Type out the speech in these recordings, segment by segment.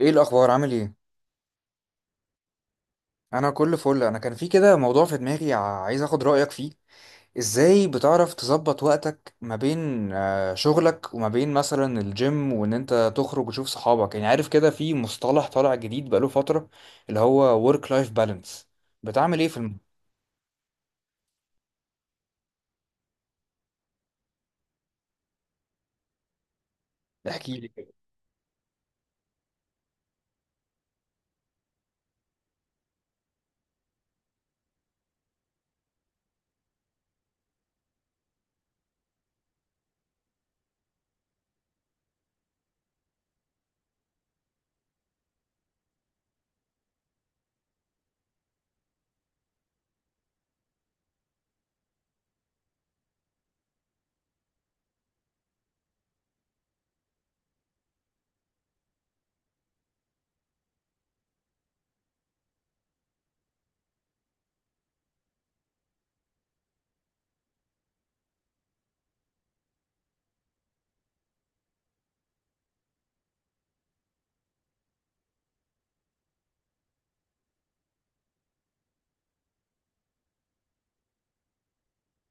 ايه الاخبار؟ عامل ايه؟ انا كل فل. انا كان في كده موضوع في دماغي، عايز اخد رايك فيه. ازاي بتعرف تظبط وقتك ما بين شغلك وما بين مثلا الجيم وان انت تخرج وتشوف صحابك؟ يعني عارف كده في مصطلح طالع جديد بقاله فتره، اللي هو work life balance. بتعمل ايه في احكي لي.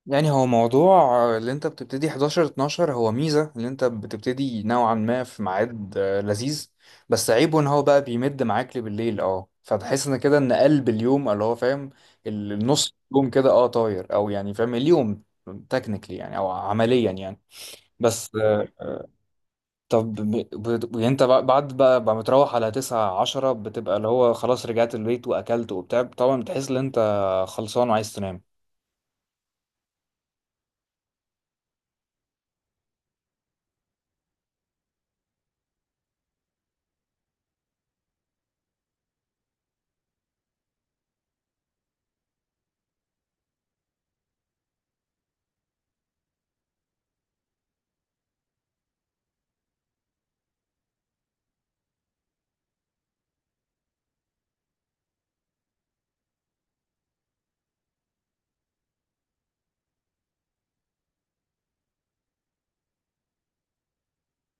يعني هو موضوع اللي انت بتبتدي 11 12، هو ميزة اللي انت بتبتدي نوعا ما في ميعاد لذيذ، بس عيبه ان هو بقى بيمد معاك لبالليل، اه، فتحس ان كده ان قلب اليوم اللي هو فاهم، النص يوم كده اه طاير، او يعني فاهم اليوم تكنيكلي يعني او عمليا يعني. بس طب يعني انت بعد بقى متروح على 9 10، بتبقى اللي هو خلاص رجعت البيت واكلت وبتاع، طبعا بتحس ان انت خلصان وعايز تنام.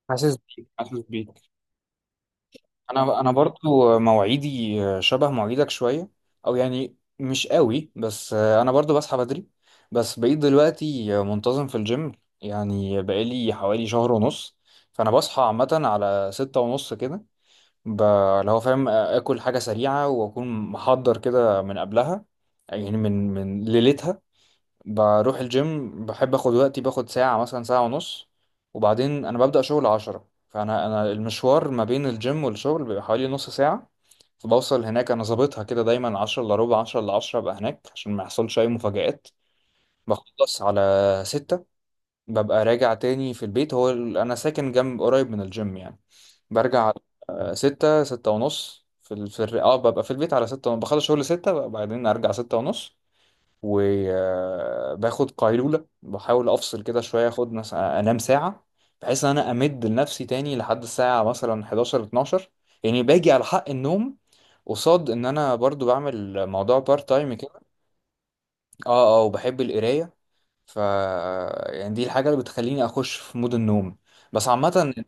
حاسس بيك، حاسس بيك. انا برضو مواعيدي شبه مواعيدك شويه، او يعني مش قوي، بس انا برضو بصحى بدري، بس بقيت دلوقتي منتظم في الجيم، يعني بقالي حوالي شهر ونص. فانا بصحى عامه على 6:30 كده، ب- اللي هو فاهم اكل حاجه سريعه واكون محضر كده من قبلها، يعني من ليلتها. بروح الجيم، بحب اخد وقتي، باخد ساعة مثلا ساعة ونص، وبعدين انا ببدأ شغل 10. فانا المشوار ما بين الجيم والشغل بيبقى حوالي نص ساعة، فبوصل هناك، انا ظابطها كده دايما، عشرة الا ربع عشرة الا عشرة ابقى هناك عشان ما يحصلش اي مفاجآت. بخلص على 6، ببقى راجع تاني في البيت، هو انا ساكن جنب قريب من الجيم يعني. برجع على 6، 6:30 في في ببقى في البيت على 6، بخلص شغل 6 بعدين ارجع 6:30، وباخد قيلولة، بحاول أفصل كده شوية، أخد مثلا أنام ساعة، بحيث إن أنا أمد لنفسي تاني لحد الساعة مثلا 11 12، يعني باجي على حق النوم، قصاد إن أنا برضو بعمل موضوع بارت تايم كده. أه، أه، وبحب القراية. ف يعني دي الحاجة اللي بتخليني أخش في مود النوم. بس عامة أنت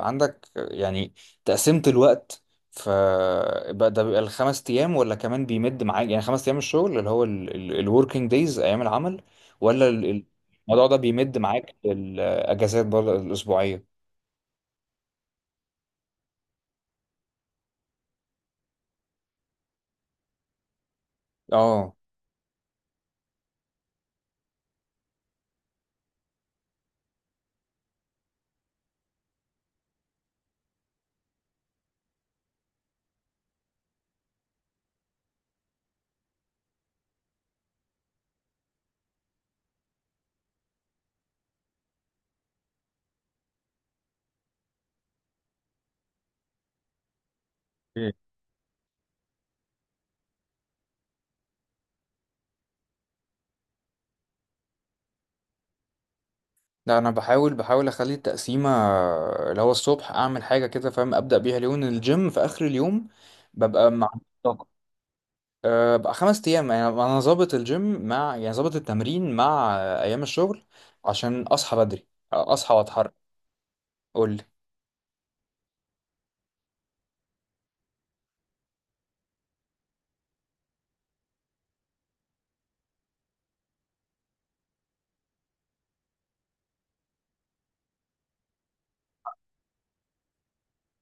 عندك يعني تقسيمة الوقت. ف بقى ده بيبقى الخمس أيام ولا كمان بيمد معاك؟ يعني خمس أيام الشغل اللي هو الوركينج دايز، أيام العمل، ولا الموضوع ده بيمد معاك الأجازات برضه الأسبوعية؟ اه. إيه. لا، انا بحاول اخلي التقسيمه، اللي هو الصبح اعمل حاجه كده فاهم، ابدا بيها اليوم، الجيم في اخر اليوم ببقى مع. أه، بقى خمس أيام، يعني أنا ظابط الجيم مع يعني ظابط التمرين مع أيام الشغل، عشان أصحى بدري، أصحى وأتحرك. قول لي.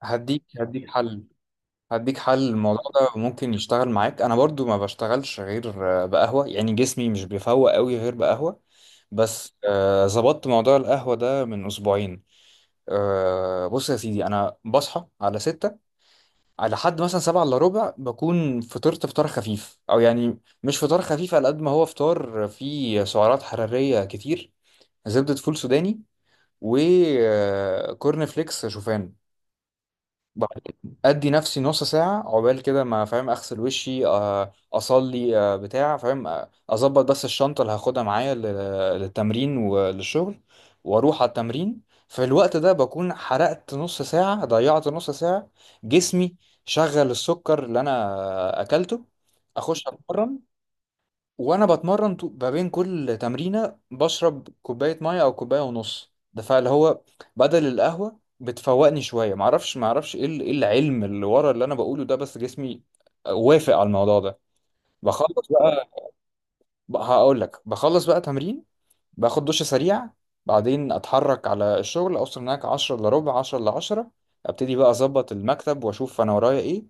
هديك حل، هديك حل. الموضوع ده ممكن يشتغل معاك، أنا برضو ما بشتغلش غير بقهوة، يعني جسمي مش بيفوق قوي غير بقهوة، بس ظبطت موضوع القهوة ده من أسبوعين. أه، بص يا سيدي، أنا بصحى على ستة، على حد مثلا 6:45 بكون فطرت فطار خفيف، او يعني مش فطار خفيف، على قد ما هو فطار فيه سعرات حرارية كتير، زبدة فول سوداني وكورن فليكس شوفان. بعد كده ادي نفسي نص ساعه عقبال كده ما فاهم اغسل وشي، اصلي، بتاع فاهم، اظبط بس الشنطه اللي هاخدها معايا للتمرين وللشغل، واروح على التمرين. في الوقت ده بكون حرقت نص ساعه، ضيعت نص ساعه، جسمي شغل السكر اللي انا اكلته. اخش اتمرن، وانا بتمرن ما بين كل تمرينه بشرب كوبايه ميه او كوبايه ونص، ده فاللي هو بدل القهوه بتفوقني شويه. معرفش ايه إيه العلم اللي ورا اللي انا بقوله ده، بس جسمي وافق على الموضوع ده. بخلص بقى هقول لك، بخلص بقى تمرين، باخد دش سريع، بعدين اتحرك على الشغل، اوصل هناك 10 الا ربع 10 الا 10، ابتدي بقى اظبط المكتب واشوف انا ورايا ايه،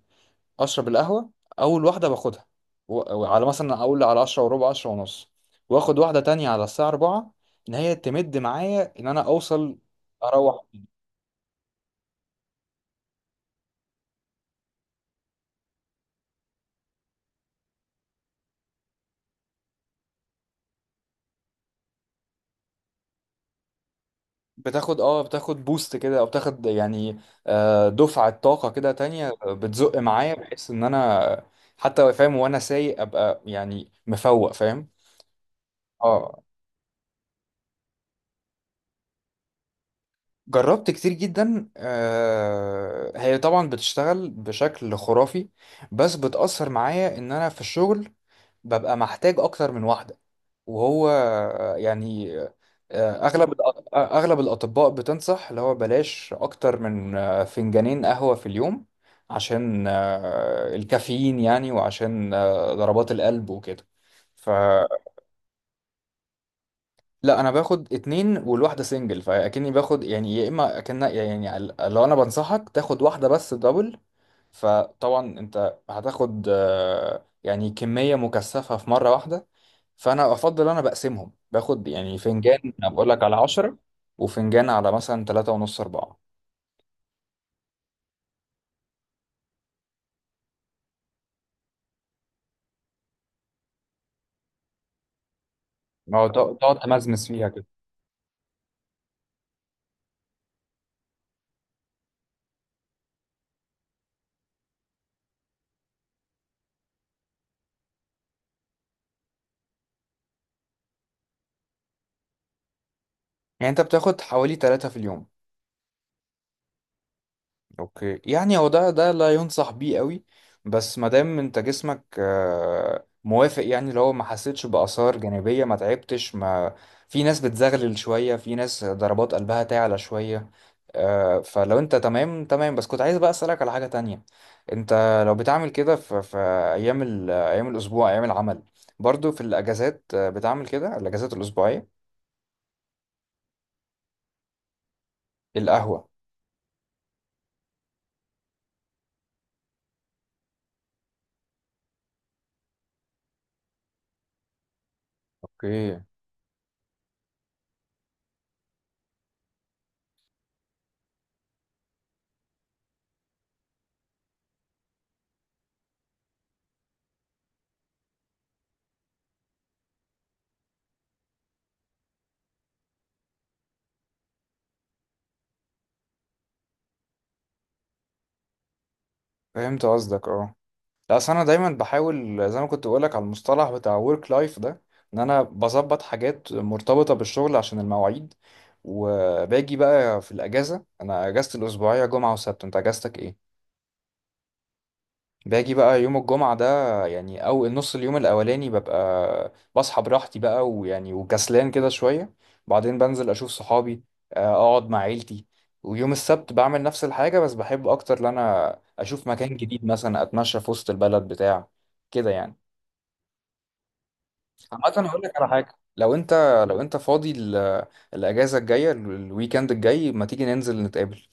اشرب القهوه، اول واحده باخدها وعلى مثلا اقول على 10 وربع 10 ونص، واخد واحده تانية على الساعه 4، ان هي تمد معايا ان انا اوصل اروح. بتاخد بوست كده، او بتاخد يعني دفعه طاقه كده تانية، بتزق معايا بحيث ان انا حتى فاهم، وانا سايق ابقى يعني مفوق فاهم. اه، جربت كتير جدا، هي طبعا بتشتغل بشكل خرافي، بس بتأثر معايا ان انا في الشغل ببقى محتاج اكتر من واحدة، وهو يعني اغلب اغلب الاطباء بتنصح اللي هو بلاش اكتر من فنجانين قهوة في اليوم، عشان الكافيين يعني، وعشان ضربات القلب وكده. لا، انا باخد اتنين، والواحده سنجل، فاكني باخد يعني، يا اما اكن يعني لو انا بنصحك تاخد واحده بس دبل، فطبعا انت هتاخد يعني كميه مكثفه في مره واحده، فانا افضل انا بقسمهم، باخد يعني فنجان بقول لك على 10، وفنجان على مثلا 3:30، 4. ما هو تقعد تمزمز فيها كده. يعني انت بتاخد حوالي تلاتة في اليوم. اوكي، يعني هو ده لا ينصح بيه قوي، بس ما دام انت جسمك موافق، يعني اللي هو ما حسيتش بآثار جانبية، ما تعبتش، ما في ناس بتزغلل شوية، في ناس ضربات قلبها تعلى شوية، فلو انت تمام تمام. بس كنت عايز بقى أسألك على حاجة تانية. انت لو بتعمل كده في ايام ايام الاسبوع، ايام العمل، برضو في الاجازات بتعمل كده الاجازات الاسبوعية؟ القهوة؟ اوكي، فهمت قصدك، اه. لا، أصل انا دايما بحاول، زي ما كنت بقولك على المصطلح بتاع ورك لايف ده، ان انا بظبط حاجات مرتبطه بالشغل عشان المواعيد. وباجي بقى في الاجازه، انا اجازتي الاسبوعيه جمعه وسبت، انت اجازتك ايه؟ باجي بقى يوم الجمعه ده، يعني او النص اليوم الاولاني، ببقى بصحى براحتي بقى، ويعني وكسلان كده شويه، بعدين بنزل اشوف صحابي، اقعد مع عيلتي. ويوم السبت بعمل نفس الحاجه، بس بحب اكتر ان انا اشوف مكان جديد، مثلا اتمشى في وسط البلد بتاع كده يعني. عامة هقول لك على حاجة، لو انت فاضي الاجازة الجاية، الويكند الجاي، ما تيجي ننزل نتقابل؟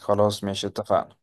خلاص ماشي، اتفقنا.